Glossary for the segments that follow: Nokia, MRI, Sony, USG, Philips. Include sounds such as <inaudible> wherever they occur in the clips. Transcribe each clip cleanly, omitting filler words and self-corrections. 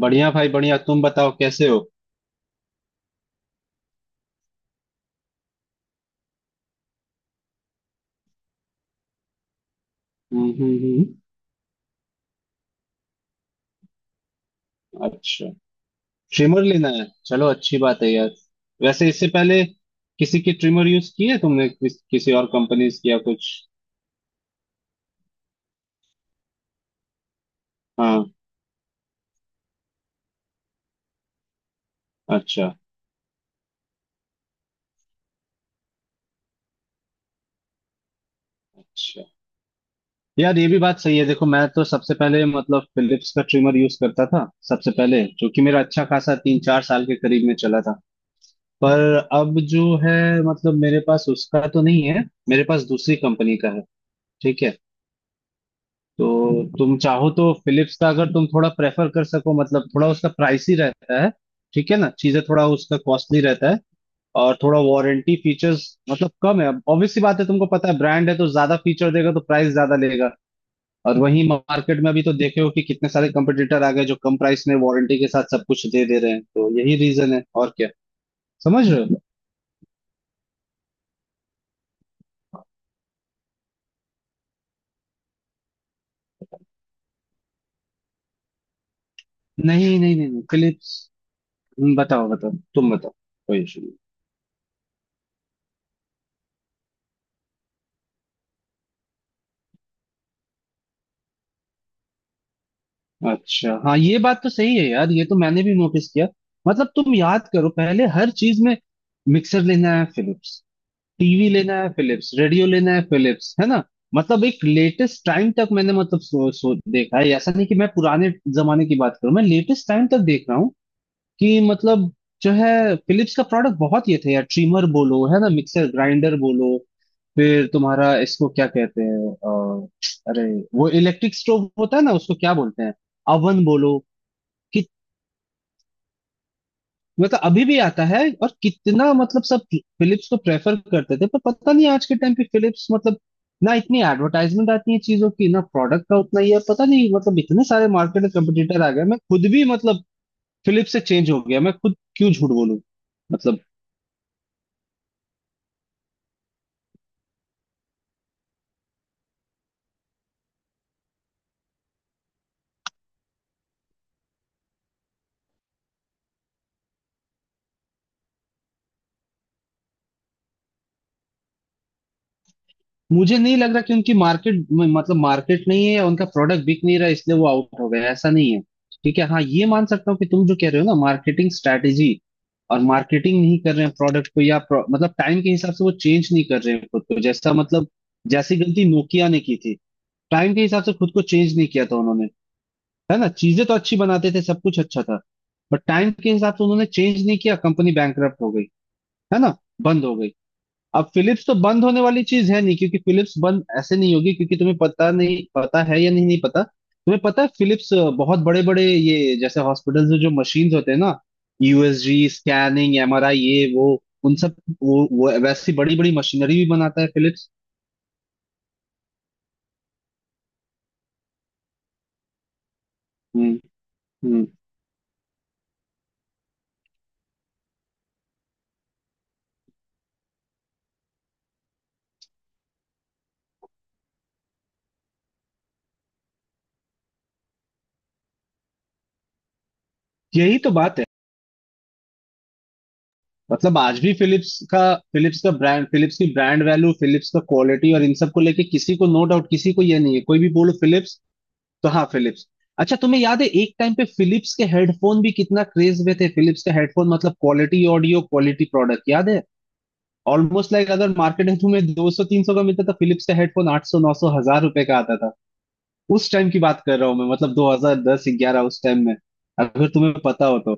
बढ़िया भाई बढ़िया। तुम बताओ कैसे हो। हम्म हम्म हम्म। अच्छा, ट्रिमर लेना है, चलो अच्छी बात है यार। वैसे इससे पहले किसी की ट्रिमर यूज की है तुमने, किसी और कंपनीज की या कुछ? हाँ। अच्छा, अच्छा यार, ये भी बात सही है। देखो, मैं तो सबसे पहले मतलब फिलिप्स का ट्रिमर यूज करता था सबसे पहले, जो कि मेरा अच्छा खासा 3 4 साल के करीब में चला था। पर अब जो है, मतलब मेरे पास उसका तो नहीं है, मेरे पास दूसरी कंपनी का है। ठीक है, तो तुम चाहो तो फिलिप्स का अगर तुम थोड़ा प्रेफर कर सको, मतलब थोड़ा उसका प्राइस ही रहता है। ठीक है ना, चीजें थोड़ा उसका कॉस्टली रहता है। और थोड़ा वारंटी फीचर्स मतलब कम है। अब ऑब्वियस सी बात है, तुमको पता है, ब्रांड है तो ज्यादा फीचर देगा तो प्राइस ज्यादा लेगा। और वहीं मार्केट में अभी तो देखे हो कि कितने सारे कंपटीटर आ गए जो कम प्राइस में वारंटी के साथ सब कुछ दे दे रहे हैं, तो यही रीजन है और क्या। समझ रहे हो? नहीं, फिलिप्स बताओ, बताओ तुम बताओ। कोई इशू? अच्छा हाँ, ये बात तो सही है यार, ये तो मैंने भी नोटिस किया। मतलब तुम याद करो, पहले हर चीज में मिक्सर लेना है फिलिप्स, टीवी लेना है फिलिप्स, रेडियो लेना है फिलिप्स, है ना। मतलब एक लेटेस्ट टाइम तक मैंने मतलब सो देखा है, ऐसा नहीं कि मैं पुराने जमाने की बात करूं, मैं लेटेस्ट टाइम तक देख रहा हूँ कि मतलब जो है फिलिप्स का प्रोडक्ट बहुत ये थे यार। ट्रिमर बोलो, है ना, मिक्सर ग्राइंडर बोलो, फिर तुम्हारा इसको क्या कहते हैं अरे वो इलेक्ट्रिक स्टोव होता है ना, उसको क्या बोलते हैं, अवन बोलो। कि मतलब अभी भी आता है और कितना, मतलब सब फिलिप्स को प्रेफर करते थे। पर पता नहीं आज के टाइम पे फिलिप्स मतलब ना इतनी एडवर्टाइजमेंट आती है चीजों की, ना प्रोडक्ट का उतना ही है। पता नहीं, मतलब इतने सारे मार्केट में कंपटीटर आ गए। मैं खुद भी मतलब फिलिप्स से चेंज हो गया, मैं खुद क्यों झूठ बोलूं। मतलब मुझे नहीं लग रहा कि उनकी मार्केट, मतलब मार्केट नहीं है उनका, प्रोडक्ट बिक नहीं रहा इसलिए वो आउट हो गया, ऐसा नहीं है। ठीक है, हाँ ये मान सकता हूँ कि तुम जो कह रहे हो ना, मार्केटिंग स्ट्रैटेजी और मार्केटिंग नहीं कर रहे हैं प्रोडक्ट को, या मतलब टाइम के हिसाब से वो चेंज नहीं कर रहे हैं खुद को, जैसा मतलब जैसी गलती नोकिया ने की थी। टाइम के हिसाब से खुद को चेंज नहीं किया था उन्होंने, है ना। चीजें तो अच्छी बनाते थे, सब कुछ अच्छा था, बट टाइम के हिसाब से उन्होंने चेंज नहीं किया, कंपनी बैंकरप्ट हो गई, है ना, बंद हो गई। अब फिलिप्स तो बंद होने वाली चीज है नहीं, क्योंकि फिलिप्स बंद ऐसे नहीं होगी। क्योंकि तुम्हें पता नहीं, पता है या नहीं, नहीं पता, तुम्हें पता है, फिलिप्स बहुत बड़े बड़े ये जैसे हॉस्पिटल्स में जो मशीन्स होते हैं ना, यूएसजी स्कैनिंग एमआरआई, ये वो, उन सब, वो वैसी बड़ी बड़ी मशीनरी भी बनाता है फिलिप्स। हम्म हम्म। यही तो बात है। मतलब आज भी फिलिप्स का, फिलिप्स का ब्रांड, फिलिप्स की ब्रांड वैल्यू, फिलिप्स का क्वालिटी, और इन सब को लेके किसी को नो डाउट, किसी को ये नहीं है, कोई भी बोलो फिलिप्स, तो हाँ फिलिप्स। अच्छा, तुम्हें याद है एक टाइम पे फिलिप्स के हेडफोन भी कितना क्रेज में थे? फिलिप्स के हेडफोन मतलब क्वालिटी, ऑडियो क्वालिटी प्रोडक्ट, याद है? ऑलमोस्ट लाइक अगर मार्केट में तुम्हें 200 300 का मिलता था, फिलिप्स का हेडफोन 800 900 हजार रुपए का आता था। उस टाइम की बात कर रहा हूँ मैं, मतलब 2010 11 उस टाइम में, अगर तुम्हें पता हो तो।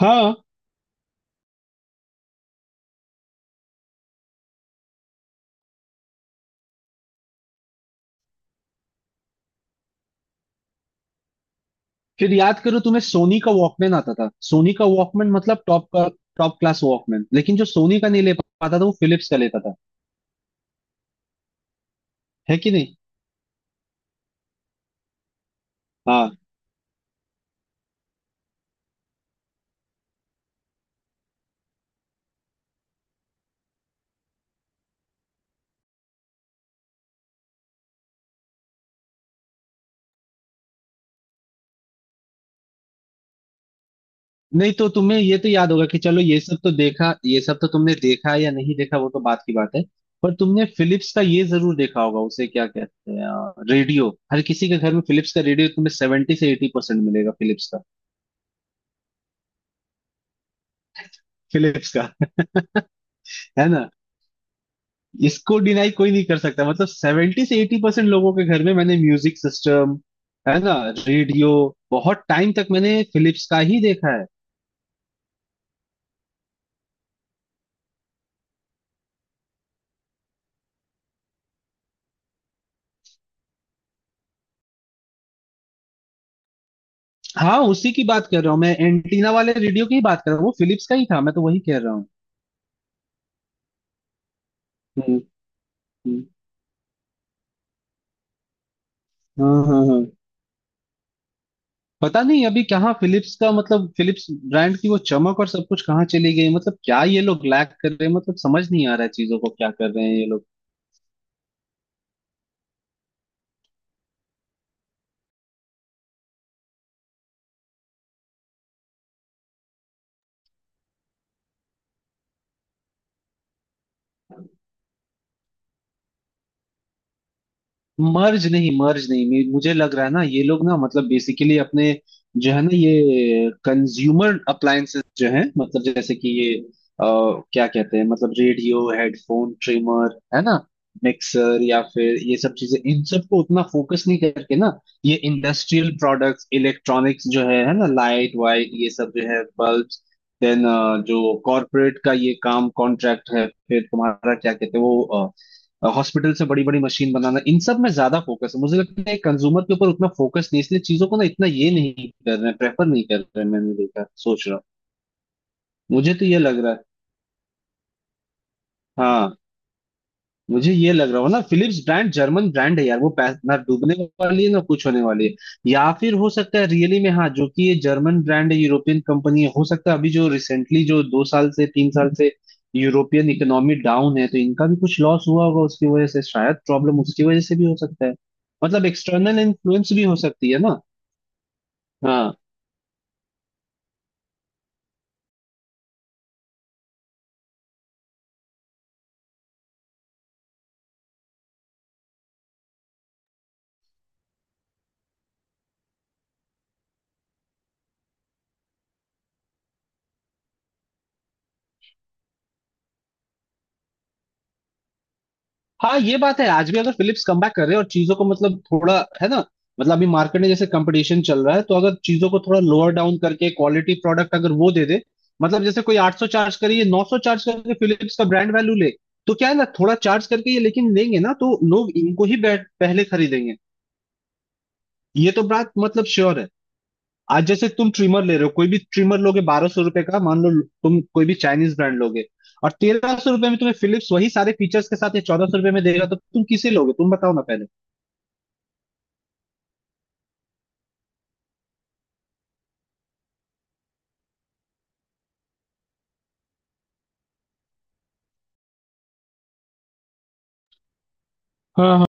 हाँ, फिर याद करो तुम्हें सोनी का वॉकमैन आता था, सोनी का वॉकमैन मतलब टॉप का, टॉप क्लास वॉकमैन। लेकिन जो सोनी का नहीं ले पाता था, वो फिलिप्स का लेता था, है कि नहीं। हाँ। नहीं तो, तुम्हें ये तो याद होगा कि, चलो ये सब तो देखा, ये सब तो तुमने देखा या नहीं देखा, वो तो बात की बात है, पर तुमने फिलिप्स का ये जरूर देखा होगा, उसे क्या कहते हैं, रेडियो। हर किसी के घर में फिलिप्स का रेडियो तुम्हें 70% से 80% मिलेगा, फिलिप्स का। फिलिप्स का <laughs> है ना। इसको डिनाई कोई नहीं कर सकता। मतलब 70% से 80% लोगों के घर में मैंने म्यूजिक सिस्टम, है ना, रेडियो, बहुत टाइम तक मैंने फिलिप्स का ही देखा है। हाँ, उसी की बात कर रहा हूँ मैं, एंटीना वाले रेडियो की ही बात कर रहा हूँ, वो फिलिप्स का ही था, मैं तो वही कह रहा हूँ। हम्म, हाँ हाँ हाँ। पता नहीं अभी कहाँ फिलिप्स का, मतलब फिलिप्स ब्रांड की वो चमक और सब कुछ कहाँ चली गई, मतलब क्या ये लोग लैक कर रहे हैं, मतलब समझ नहीं आ रहा है, चीजों को क्या कर रहे हैं ये लोग। मर्ज नहीं, मुझे लग रहा है ना ये लोग ना, मतलब बेसिकली अपने जो है ना ये कंज्यूमर अप्लायंसेस जो है, मतलब जैसे कि ये अ, क्या कहते हैं, मतलब रेडियो, हेडफोन, ट्रिमर, है ना, मिक्सर, या फिर ये सब चीजें, इन सब को उतना फोकस नहीं करके ना, ये इंडस्ट्रियल प्रोडक्ट्स, इलेक्ट्रॉनिक्स जो है ना, लाइट वाइट ये सब जो है, बल्ब, देन जो कॉरपोरेट का ये काम कॉन्ट्रैक्ट है, फिर तुम्हारा क्या कहते हैं वो, हॉस्पिटल से बड़ी बड़ी मशीन बनाना, इन सब में ज्यादा फोकस है, मुझे लगता है कंज्यूमर के ऊपर उतना फोकस नहीं, इसलिए चीजों को ना इतना ये नहीं कर रहे हैं, प्रेफर नहीं कर रहे हैं, मैंने देखा, सोच रहा हूँ। मुझे तो ये लग रहा है, हाँ। मुझे ये लग रहा हो ना, फिलिप्स ब्रांड जर्मन ब्रांड है यार, वो ना डूबने वाली है ना कुछ होने वाली है, या फिर हो सकता है रियली में, हाँ, जो कि ये जर्मन ब्रांड है, यूरोपियन कंपनी है, हो सकता है अभी जो रिसेंटली जो 2 साल से 3 साल से यूरोपियन इकोनॉमी डाउन है, तो इनका भी कुछ लॉस हुआ होगा, उसकी वजह से शायद प्रॉब्लम उसकी वजह से भी हो सकता है। मतलब एक्सटर्नल इन्फ्लुएंस भी हो सकती है ना। हाँ। हाँ ये बात है, आज भी अगर फिलिप्स कमबैक कर रहे हैं और चीजों को मतलब थोड़ा, है ना, मतलब अभी मार्केट में जैसे कंपटीशन चल रहा है, तो अगर चीजों को थोड़ा लोअर डाउन करके क्वालिटी प्रोडक्ट अगर वो दे दे, मतलब जैसे कोई 800 चार्ज करे, ये 900 चार्ज करके फिलिप्स का ब्रांड वैल्यू ले, तो क्या है ना, थोड़ा चार्ज करके ये, लेकिन लेंगे ना तो लोग इनको ही पहले खरीदेंगे, ये तो बात मतलब श्योर है। आज जैसे तुम ट्रिमर ले रहे हो, कोई भी ट्रिमर लोगे 1200 रुपए का मान लो, तुम कोई भी चाइनीज ब्रांड लोगे, और 1300 रुपए में तुम्हें फिलिप्स वही सारे फीचर्स के साथ, ये 1400 रुपए में देगा, तो तुम किसे लोगे, तुम बताओ ना पहले। हाँ।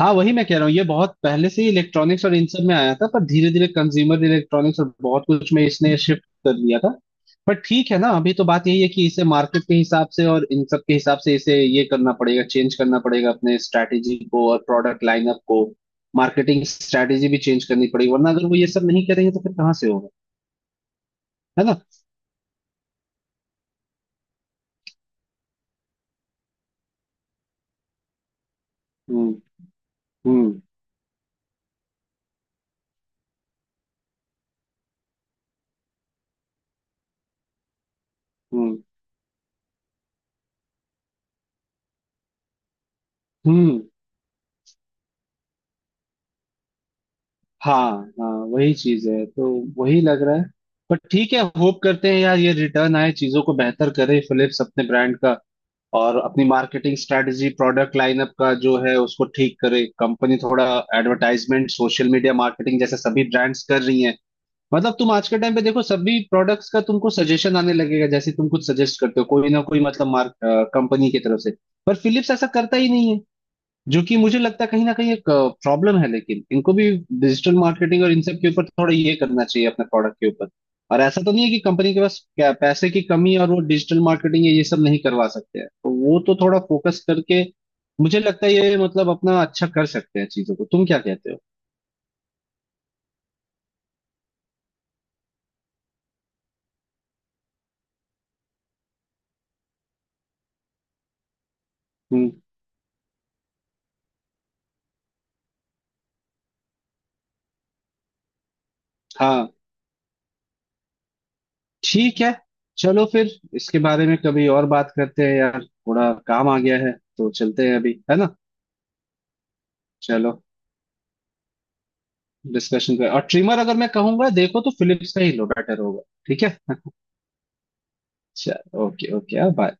हाँ वही मैं कह रहा हूँ, ये बहुत पहले से ही इलेक्ट्रॉनिक्स और इन सब में आया था, पर धीरे धीरे कंज्यूमर इलेक्ट्रॉनिक्स और बहुत कुछ में इसने शिफ्ट कर लिया था। पर ठीक है ना, अभी तो बात यही है कि इसे मार्केट के हिसाब से और इन सब के हिसाब से इसे ये करना पड़ेगा, चेंज करना पड़ेगा अपने स्ट्रैटेजी को और प्रोडक्ट लाइनअप को, मार्केटिंग स्ट्रैटेजी भी चेंज करनी पड़ेगी, वरना अगर वो ये सब नहीं करेंगे तो फिर कहाँ से होगा, है ना। हम्म हम्म हम्म हम्म हाँ, हाँ वही चीज है तो, वही लग रहा है। बट ठीक है, होप करते हैं यार ये रिटर्न आए, चीजों को बेहतर करे फिलिप्स, अपने ब्रांड का और अपनी मार्केटिंग स्ट्रेटजी प्रोडक्ट लाइनअप का जो है उसको ठीक करे कंपनी, थोड़ा एडवर्टाइजमेंट सोशल मीडिया मार्केटिंग जैसे सभी ब्रांड्स कर रही हैं। मतलब तुम आज के टाइम पे देखो, सभी प्रोडक्ट्स का तुमको सजेशन आने लगेगा, जैसे तुम कुछ सजेस्ट करते हो, कोई ना कोई, मतलब मार्क कंपनी की तरफ से, पर फिलिप्स ऐसा करता ही नहीं है, जो कि मुझे लगता है कहीं ना कहीं एक प्रॉब्लम है। लेकिन इनको भी डिजिटल मार्केटिंग और इन सब के ऊपर थोड़ा ये करना चाहिए अपने प्रोडक्ट के ऊपर, और ऐसा तो नहीं है कि कंपनी के पास क्या पैसे की कमी है और वो डिजिटल मार्केटिंग ये सब नहीं करवा सकते हैं, तो वो तो थोड़ा फोकस करके मुझे लगता है ये मतलब अपना अच्छा कर सकते हैं चीजों को, तुम क्या कहते हो। हम्म। हाँ ठीक है। चलो फिर, इसके बारे में कभी और बात करते हैं यार, थोड़ा काम आ गया है तो चलते हैं अभी, है ना। चलो, डिस्कशन पे, और ट्रिमर अगर मैं कहूंगा देखो तो फिलिप्स का ही लो, बेटर होगा। ठीक है, चल, ओके ओके, बाय।